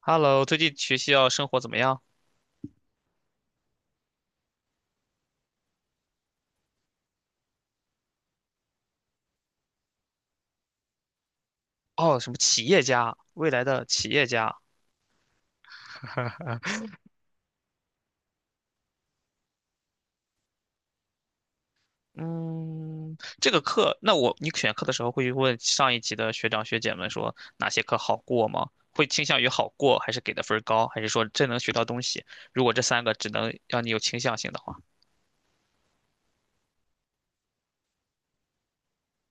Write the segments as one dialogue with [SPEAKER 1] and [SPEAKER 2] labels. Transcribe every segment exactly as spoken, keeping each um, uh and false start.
[SPEAKER 1] Hello，最近学校生活怎么样？哦，什么企业家，未来的企业家。嗯，这个课，那我你选课的时候会问上一级的学长学姐们说哪些课好过吗？会倾向于好过，还是给的分儿高，还是说真能学到东西？如果这三个只能让你有倾向性的话，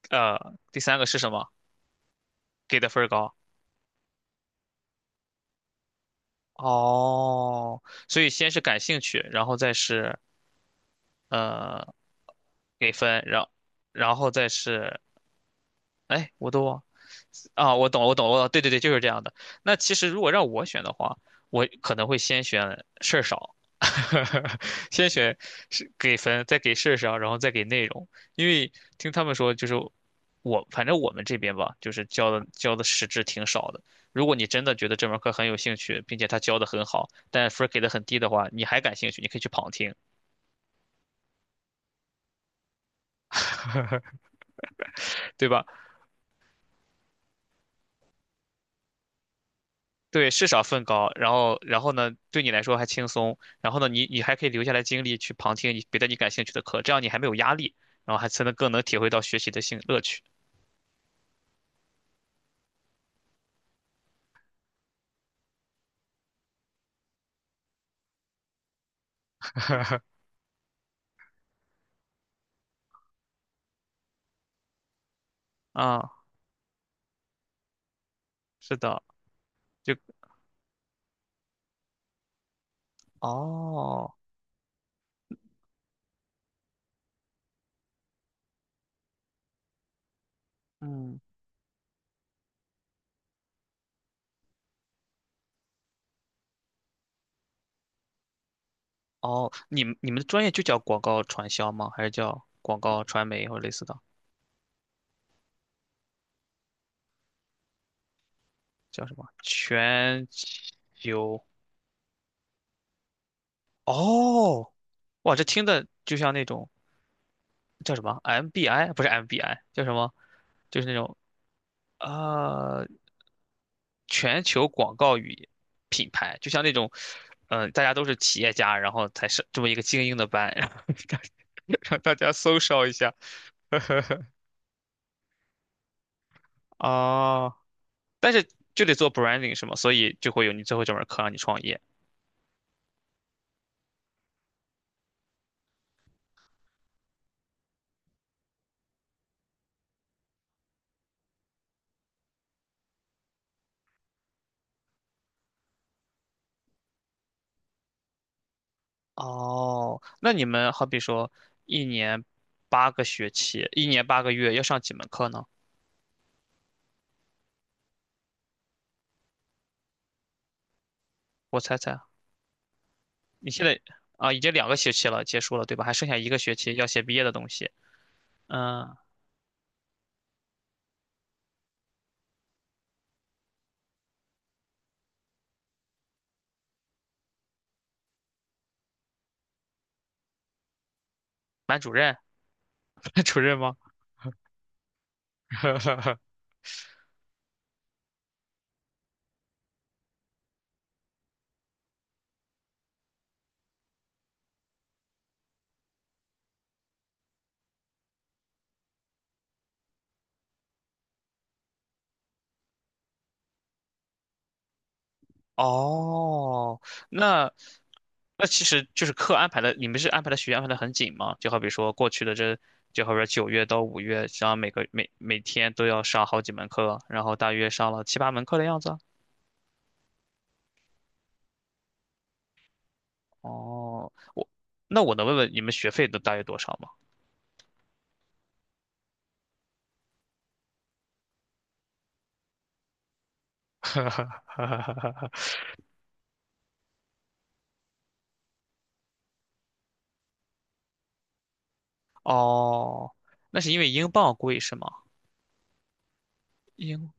[SPEAKER 1] 呃，第三个是什么？给的分儿高。哦，所以先是感兴趣，然后再是呃给分，然然后再是哎，我都忘。啊，我懂了，我懂了，我懂了，对对对，就是这样的。那其实如果让我选的话，我可能会先选事儿少，先选是给分，再给事儿少，然后再给内容。因为听他们说，就是我反正我们这边吧，就是教的教的实质挺少的。如果你真的觉得这门课很有兴趣，并且他教的很好，但分儿给的很低的话，你还感兴趣，你可以去旁听，对吧？对，是少分高，然后然后呢，对你来说还轻松，然后呢，你你还可以留下来精力去旁听你别的你感兴趣的课，这样你还没有压力，然后还才能更能体会到学习的兴乐趣 啊，是的，就哦，嗯，哦，你们你们的专业就叫广告传销吗？还是叫广告传媒或者类似的？叫什么？全球？哦，哇，这听的就像那种叫什么 M B I，不是 M B I，叫什么？就是那种啊、呃全球广告与品牌，就像那种，嗯、大家都是企业家，然后才是这么一个精英的班，然后 大让大家搜烧一下哦，但是就得做 branding 是吗？所以就会有你最后这门课让你创业。哦，那你们好比说一年八个学期，一年八个月要上几门课呢？我猜猜，你现在啊已经两个学期了，结束了对吧？还剩下一个学期要写毕业的东西。嗯，班主任，班主任吗？哦，那那其实就是课安排的，你们是安排的学业安排的很紧吗？就好比说过去的这，就好比说九月到五月，然后每个每每天都要上好几门课，然后大约上了七八门课的样子。哦，我那我能问问你们学费都大约多少吗？哦，那是因为英镑贵是吗？英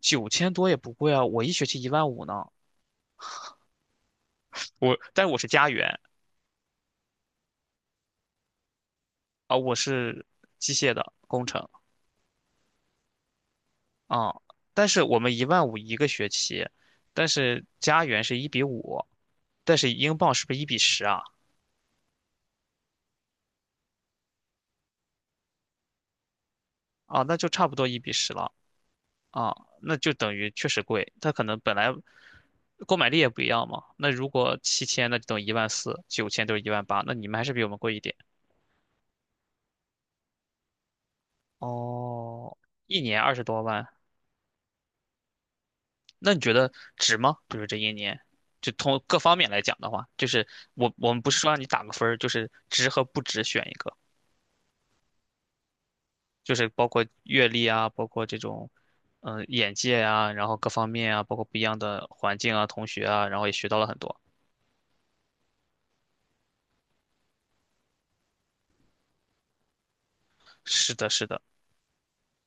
[SPEAKER 1] 九千多也不贵啊，我一学期一万五呢。我但是我是家园啊，我是机械的工程。啊，但是我们一万五一个学期，但是加元是一比五，但是英镑是不是一比十啊？啊，那就差不多一比十了啊，那就等于确实贵。它可能本来购买力也不一样嘛。那如果七千，那就等于一万四；九千就是一万八，那你们还是比我们贵一点。哦，一年二十多万，那你觉得值吗？就是这一年，就从各方面来讲的话，就是我我们不是说让你打个分儿，就是值和不值选一个。就是包括阅历啊，包括这种，嗯、眼界啊，然后各方面啊，包括不一样的环境啊，同学啊，然后也学到了很多。是的，是的，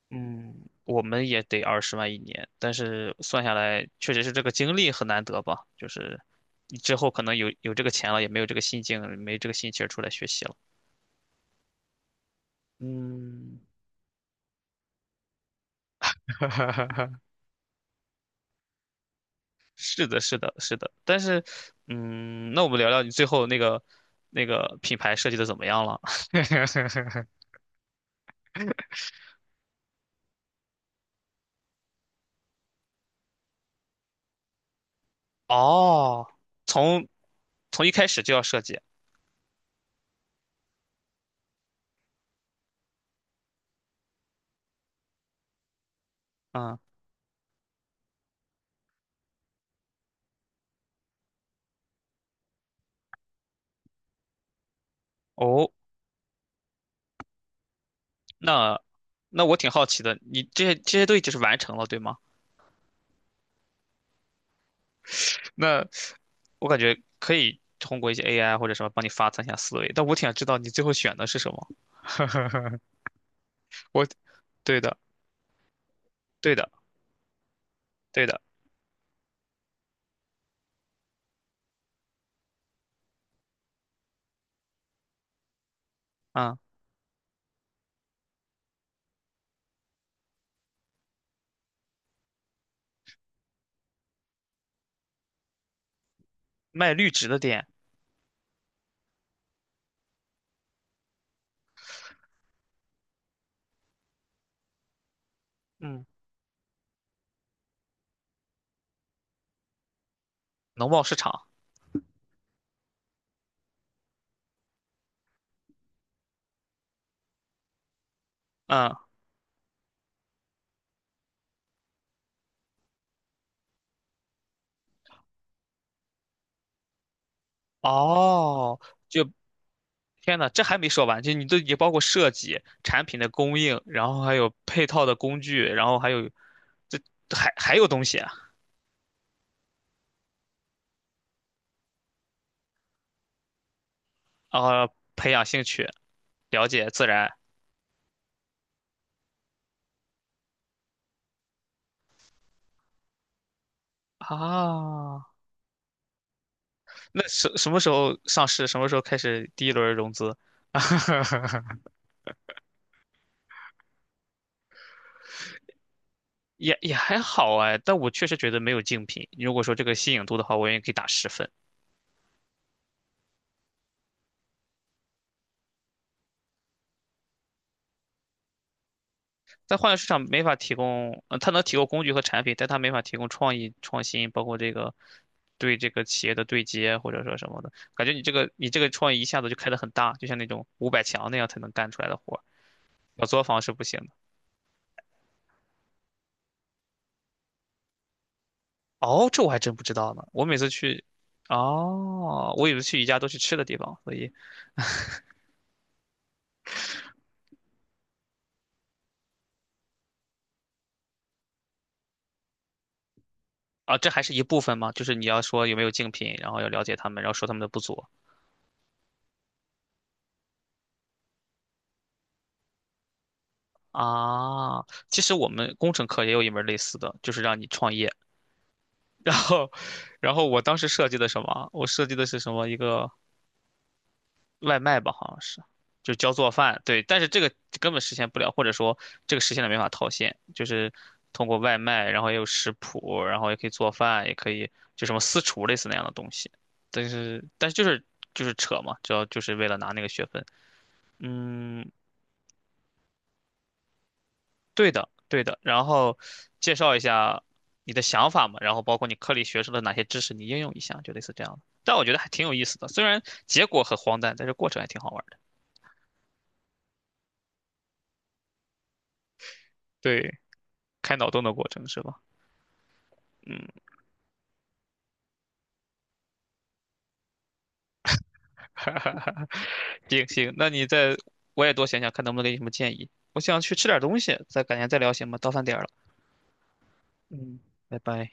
[SPEAKER 1] 嗯，我们也得二十万一年，但是算下来，确实是这个经历很难得吧，就是你之后可能有有这个钱了，也没有这个心境，没这个心情出来学习了。嗯，是的，是的，是的，但是，嗯，那我们聊聊你最后那个那个品牌设计的怎么样了？哦，从从一开始就要设计，嗯，哦，那那我挺好奇的，你这些这些都已经是完成了，对吗？那我感觉可以通过一些 A I 或者什么帮你发散一下思维，但我挺想知道你最后选的是什么。我，对的，对的，对的，嗯，卖绿植的店，嗯，农贸市场，嗯，哦，就天呐，这还没说完，就你都也包括设计、产品的供应，然后还有配套的工具，然后还有这还还有东西啊，然后培养兴趣，了解自然啊。那什什么时候上市？什么时候开始第一轮融资？也也还好哎，但我确实觉得没有竞品。如果说这个吸引度的话，我愿意给打十分。在换流市场没法提供，呃，它能提供工具和产品，但它没法提供创意、创新，包括这个对这个企业的对接或者说什么的。感觉你这个你这个创意一下子就开得很大，就像那种五百强那样才能干出来的活儿，小作坊是不行的。哦，这我还真不知道呢。我每次去，哦，我以为去宜家都去吃的地方，所以啊，这还是一部分嘛，就是你要说有没有竞品，然后要了解他们，然后说他们的不足啊。其实我们工程课也有一门类似的，就是让你创业。然后，然后我当时设计的什么？我设计的是什么？一个外卖吧，好像是，就教做饭。对，但是这个根本实现不了，或者说这个实现了没法套现，就是通过外卖，然后也有食谱，然后也可以做饭，也可以就什么私厨类似那样的东西。但是，但是就是就是扯嘛，主要就是为了拿那个学分。嗯，对的，对的。然后介绍一下你的想法嘛，然后包括你课里学出的哪些知识，你应用一下，就类似这样的。但我觉得还挺有意思的，虽然结果很荒诞，但是过程还挺好玩的。对，开脑洞的过程是吧？嗯，哈哈哈。行行，那你再我也多想想，看能不能给你什么建议。我想去吃点东西，再改天再聊行吗？到饭点儿了，嗯，拜拜。